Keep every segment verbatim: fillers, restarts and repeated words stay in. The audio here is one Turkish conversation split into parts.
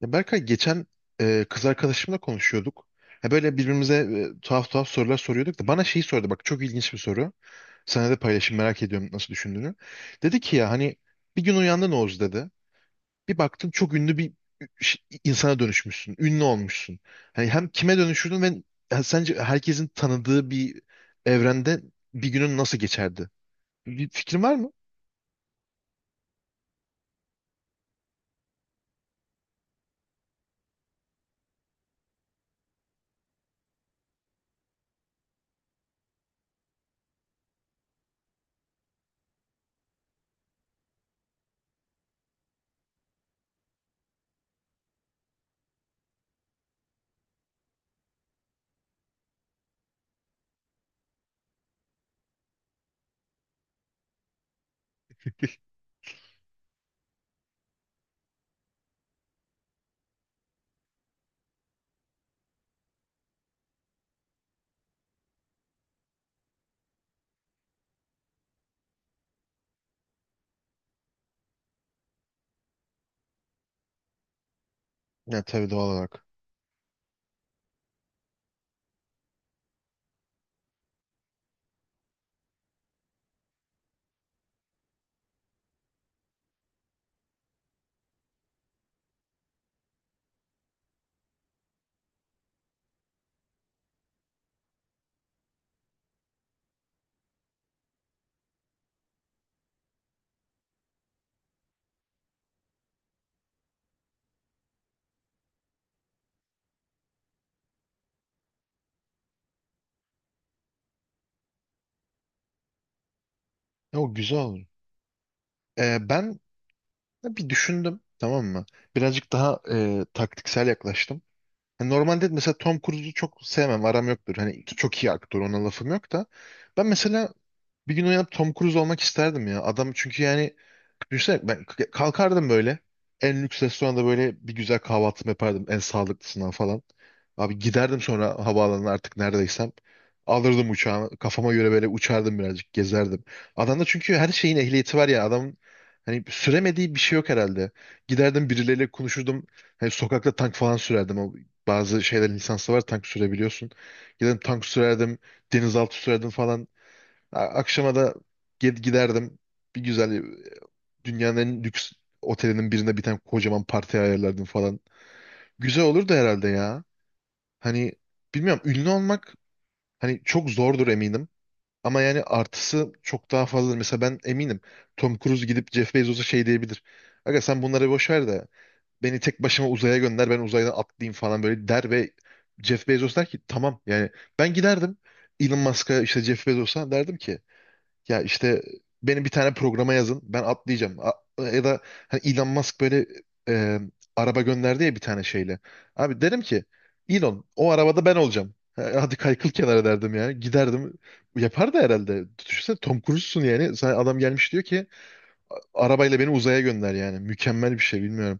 Ya Berkay geçen e, kız arkadaşımla konuşuyorduk. Ya böyle birbirimize e, tuhaf tuhaf sorular soruyorduk da bana şeyi sordu. Bak, çok ilginç bir soru. Sana da paylaşayım, merak ediyorum nasıl düşündüğünü. Dedi ki ya hani bir gün uyandın Oğuz dedi. Bir baktın çok ünlü bir ş- insana dönüşmüşsün. Ünlü olmuşsun. Hani hem kime dönüşürdün ve ha, sence herkesin tanıdığı bir evrende bir günün nasıl geçerdi? Bir fikrin var mı? Ya tabii, doğal olarak. Ya, o güzel olur. E, ben ya bir düşündüm, tamam mı? Birazcık daha e, taktiksel yaklaştım. Hani normalde mesela Tom Cruise'u çok sevmem, aram yoktur. Hani çok iyi aktör, ona lafım yok da. Ben mesela bir gün uyanıp Tom Cruise olmak isterdim ya. Adam çünkü yani düşünsene ben k- kalkardım böyle. En lüks restoranda böyle bir güzel kahvaltımı yapardım. En sağlıklısından falan. Abi giderdim sonra havaalanına, artık neredeysem. Alırdım uçağımı. Kafama göre böyle uçardım birazcık. Gezerdim. Adamda çünkü her şeyin ehliyeti var ya. Adamın hani süremediği bir şey yok herhalde. Giderdim, birileriyle konuşurdum. Hani sokakta tank falan sürerdim. O, bazı şeylerin lisansı var, tank sürebiliyorsun. Giderdim tank sürerdim. Denizaltı sürerdim falan. A- Akşama da gid- giderdim. Bir güzel e, dünyanın en lüks otelinin birinde bir tane kocaman parti ayarlardım falan. Güzel olurdu herhalde ya. Hani bilmiyorum, ünlü olmak hani çok zordur eminim. Ama yani artısı çok daha fazladır. Mesela ben eminim Tom Cruise gidip Jeff Bezos'a şey diyebilir. Aga sen bunları boş ver de beni tek başıma uzaya gönder, ben uzaydan atlayayım falan böyle der ve Jeff Bezos der ki tamam yani. Ben giderdim Elon Musk'a, işte Jeff Bezos'a derdim ki ya işte beni bir tane programa yazın. Ben atlayacağım. A- ya da hani Elon Musk böyle e, araba gönderdi ya bir tane şeyle. Abi derim ki Elon, o arabada ben olacağım. Ha, hadi kaykıl kenara derdim yani. Giderdim. Yapar da herhalde. Düşünsene Tom Cruise'sun yani. Sana adam gelmiş diyor ki "A- arabayla beni uzaya gönder" yani. Mükemmel bir şey, bilmiyorum.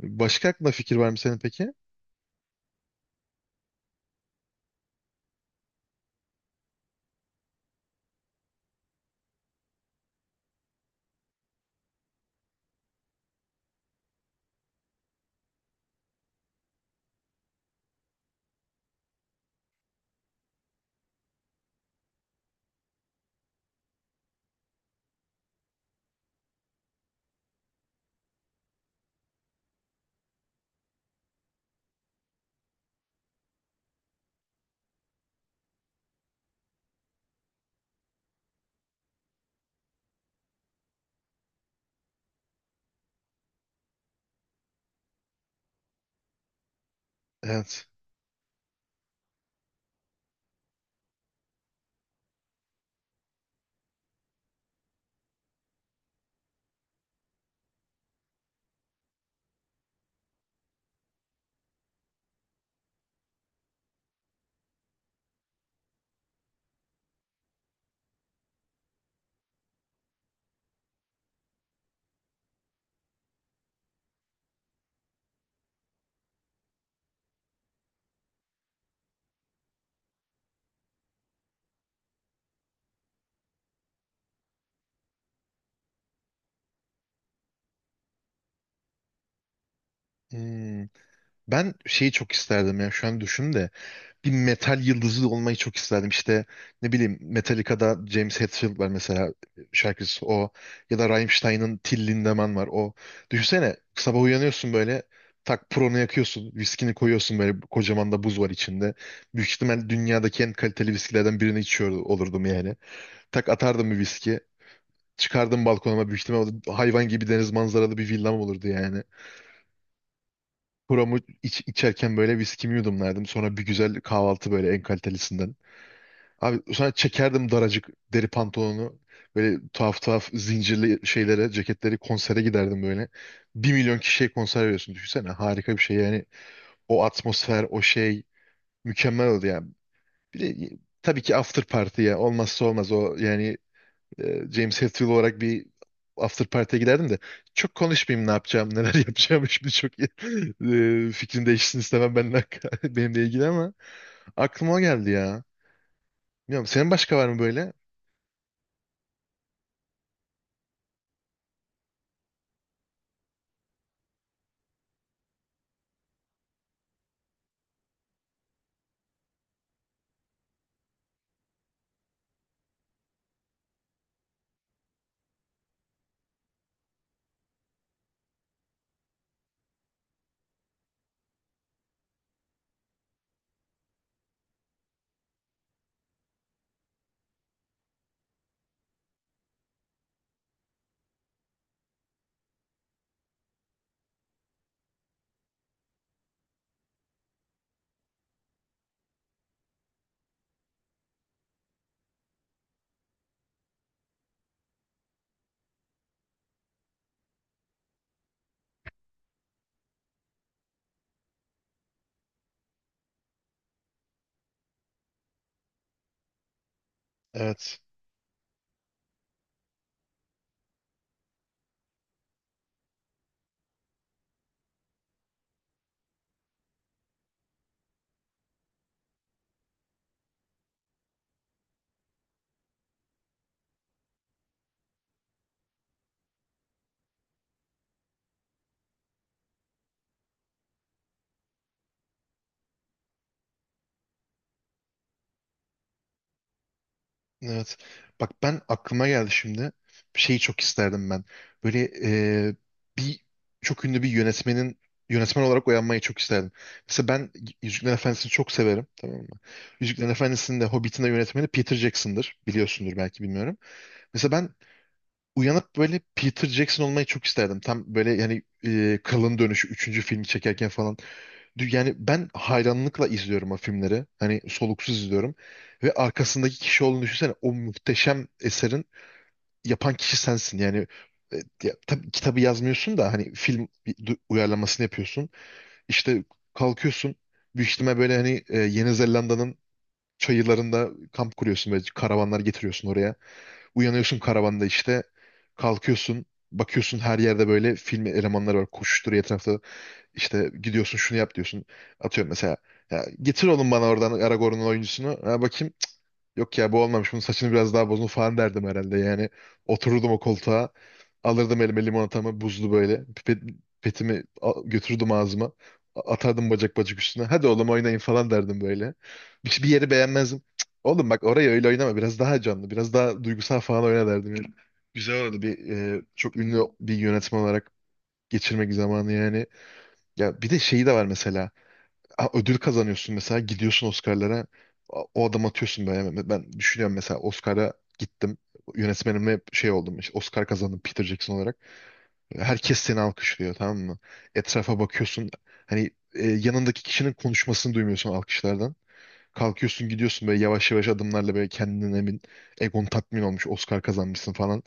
Başka aklına fikir var mı senin peki? Evet. Hmm. Ben şeyi çok isterdim ya, şu an düşün de bir metal yıldızı olmayı çok isterdim. İşte ne bileyim, Metallica'da James Hetfield var mesela, şarkıcısı o, ya da Rammstein'ın Till Lindemann var o. Düşünsene sabah uyanıyorsun böyle, tak pronu yakıyorsun, viskini koyuyorsun böyle, kocaman da buz var içinde. Büyük ihtimal dünyadaki en kaliteli viskilerden birini içiyor olurdum yani. Tak atardım bir viski, çıkardım balkonuma, büyük ihtimal o da hayvan gibi deniz manzaralı bir villam olurdu yani. Kuramı iç, içerken böyle viskimi yudumlardım. Sonra bir güzel kahvaltı böyle, en kalitelisinden. Abi sonra çekerdim daracık deri pantolonu. Böyle tuhaf tuhaf zincirli şeylere, ceketleri, konsere giderdim böyle. Bir milyon kişiye konser veriyorsun. Düşünsene harika bir şey yani. O atmosfer, o şey mükemmel oldu yani. Bir de tabii ki after party ya. Olmazsa olmaz o yani. e, James Hetfield olarak bir after party'e giderdim de çok konuşmayayım, ne yapacağım, neler yapacağım şimdi, çok iyi. E, fikrim değişsin istemem benimle, benimle ilgili, ama aklıma o geldi ya. Bilmiyorum, senin başka var mı böyle? Evet. Evet. Bak, ben aklıma geldi şimdi. Bir şeyi çok isterdim ben. Böyle e, bir çok ünlü bir yönetmenin, yönetmen olarak uyanmayı çok isterdim. Mesela ben Yüzüklerin Efendisi'ni çok severim, tamam mı? Yüzüklerin Efendisi'nin de Hobbit'in de yönetmeni Peter Jackson'dır. Biliyorsundur, belki bilmiyorum. Mesela ben uyanıp böyle Peter Jackson olmayı çok isterdim. Tam böyle yani e, Kralın Dönüşü üçüncü filmi çekerken falan. Dü- Yani ben hayranlıkla izliyorum o filmleri. Hani soluksuz izliyorum. Ve arkasındaki kişi olduğunu düşünsene. O muhteşem eserin yapan kişi sensin. Yani e, ya, tabii kitabı yazmıyorsun da hani film bir du- uyarlamasını yapıyorsun. İşte kalkıyorsun. Büyük ihtimal böyle hani e, Yeni Zelanda'nın çayırlarında kamp kuruyorsun. Böyle karavanlar getiriyorsun oraya. Uyanıyorsun karavanda işte. Kalkıyorsun. Bakıyorsun her yerde böyle film elemanları var. Koşuşturuyor etrafta. İşte gidiyorsun, şunu yap diyorsun. Atıyorum mesela. Ya, getir oğlum bana oradan Aragorn'un oyuncusunu. Ha, bakayım. Yok ya, bu olmamış. Bunun saçını biraz daha bozun falan derdim herhalde. Yani otururdum o koltuğa. Alırdım elime limonatamı buzlu böyle. Pipet, pipetimi a- götürürdüm ağzıma. a- Atardım bacak bacak üstüne. Hadi oğlum oynayın falan derdim böyle. Bir, bir yeri beğenmezdim. Cık, oğlum bak, orayı öyle oynama. Biraz daha canlı, biraz daha duygusal falan oyna derdim. Yani. Güzel olurdu bir e, çok ünlü bir yönetmen olarak geçirmek zamanı yani. Ya bir de şeyi de var mesela. Ha, ödül kazanıyorsun mesela, gidiyorsun Oscar'lara. A- o adam atıyorsun böyle. Ben ben düşünüyorum mesela Oscar'a gittim. Yönetmenime şey oldum, işte Oscar kazandım Peter Jackson olarak. Herkes seni alkışlıyor, tamam mı? Etrafa bakıyorsun. Hani e, yanındaki kişinin konuşmasını duymuyorsun alkışlardan. Kalkıyorsun, gidiyorsun böyle yavaş yavaş adımlarla, böyle kendinden emin. Egon tatmin olmuş. Oscar kazanmışsın falan.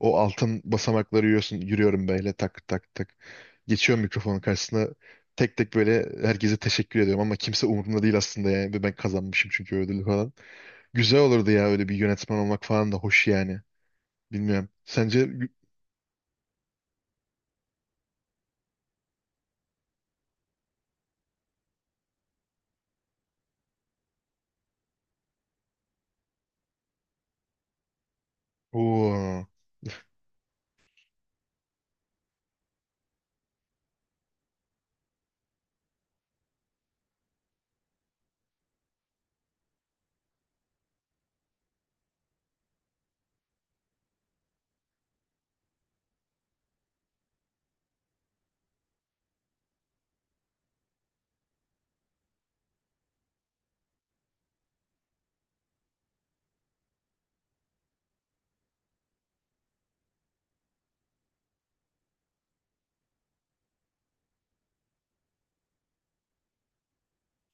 O altın basamakları yürüyorsun. Yürüyorum böyle, tak tak tak. Geçiyorum mikrofonun karşısına. Tek tek böyle herkese teşekkür ediyorum ama kimse umurumda değil aslında yani. Ve ben kazanmışım çünkü ödülü falan. Güzel olurdu ya, öyle bir yönetmen olmak falan da hoş yani. Bilmiyorum. Sence... Oo,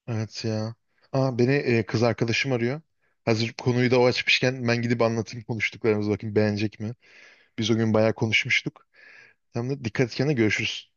evet ya. Aa, beni e, kız arkadaşım arıyor. Hazır konuyu da o açmışken ben gidip anlatayım konuştuklarımızı, bakayım beğenecek mi? Biz o gün bayağı konuşmuştuk. Hem de dikkat et kendine, görüşürüz.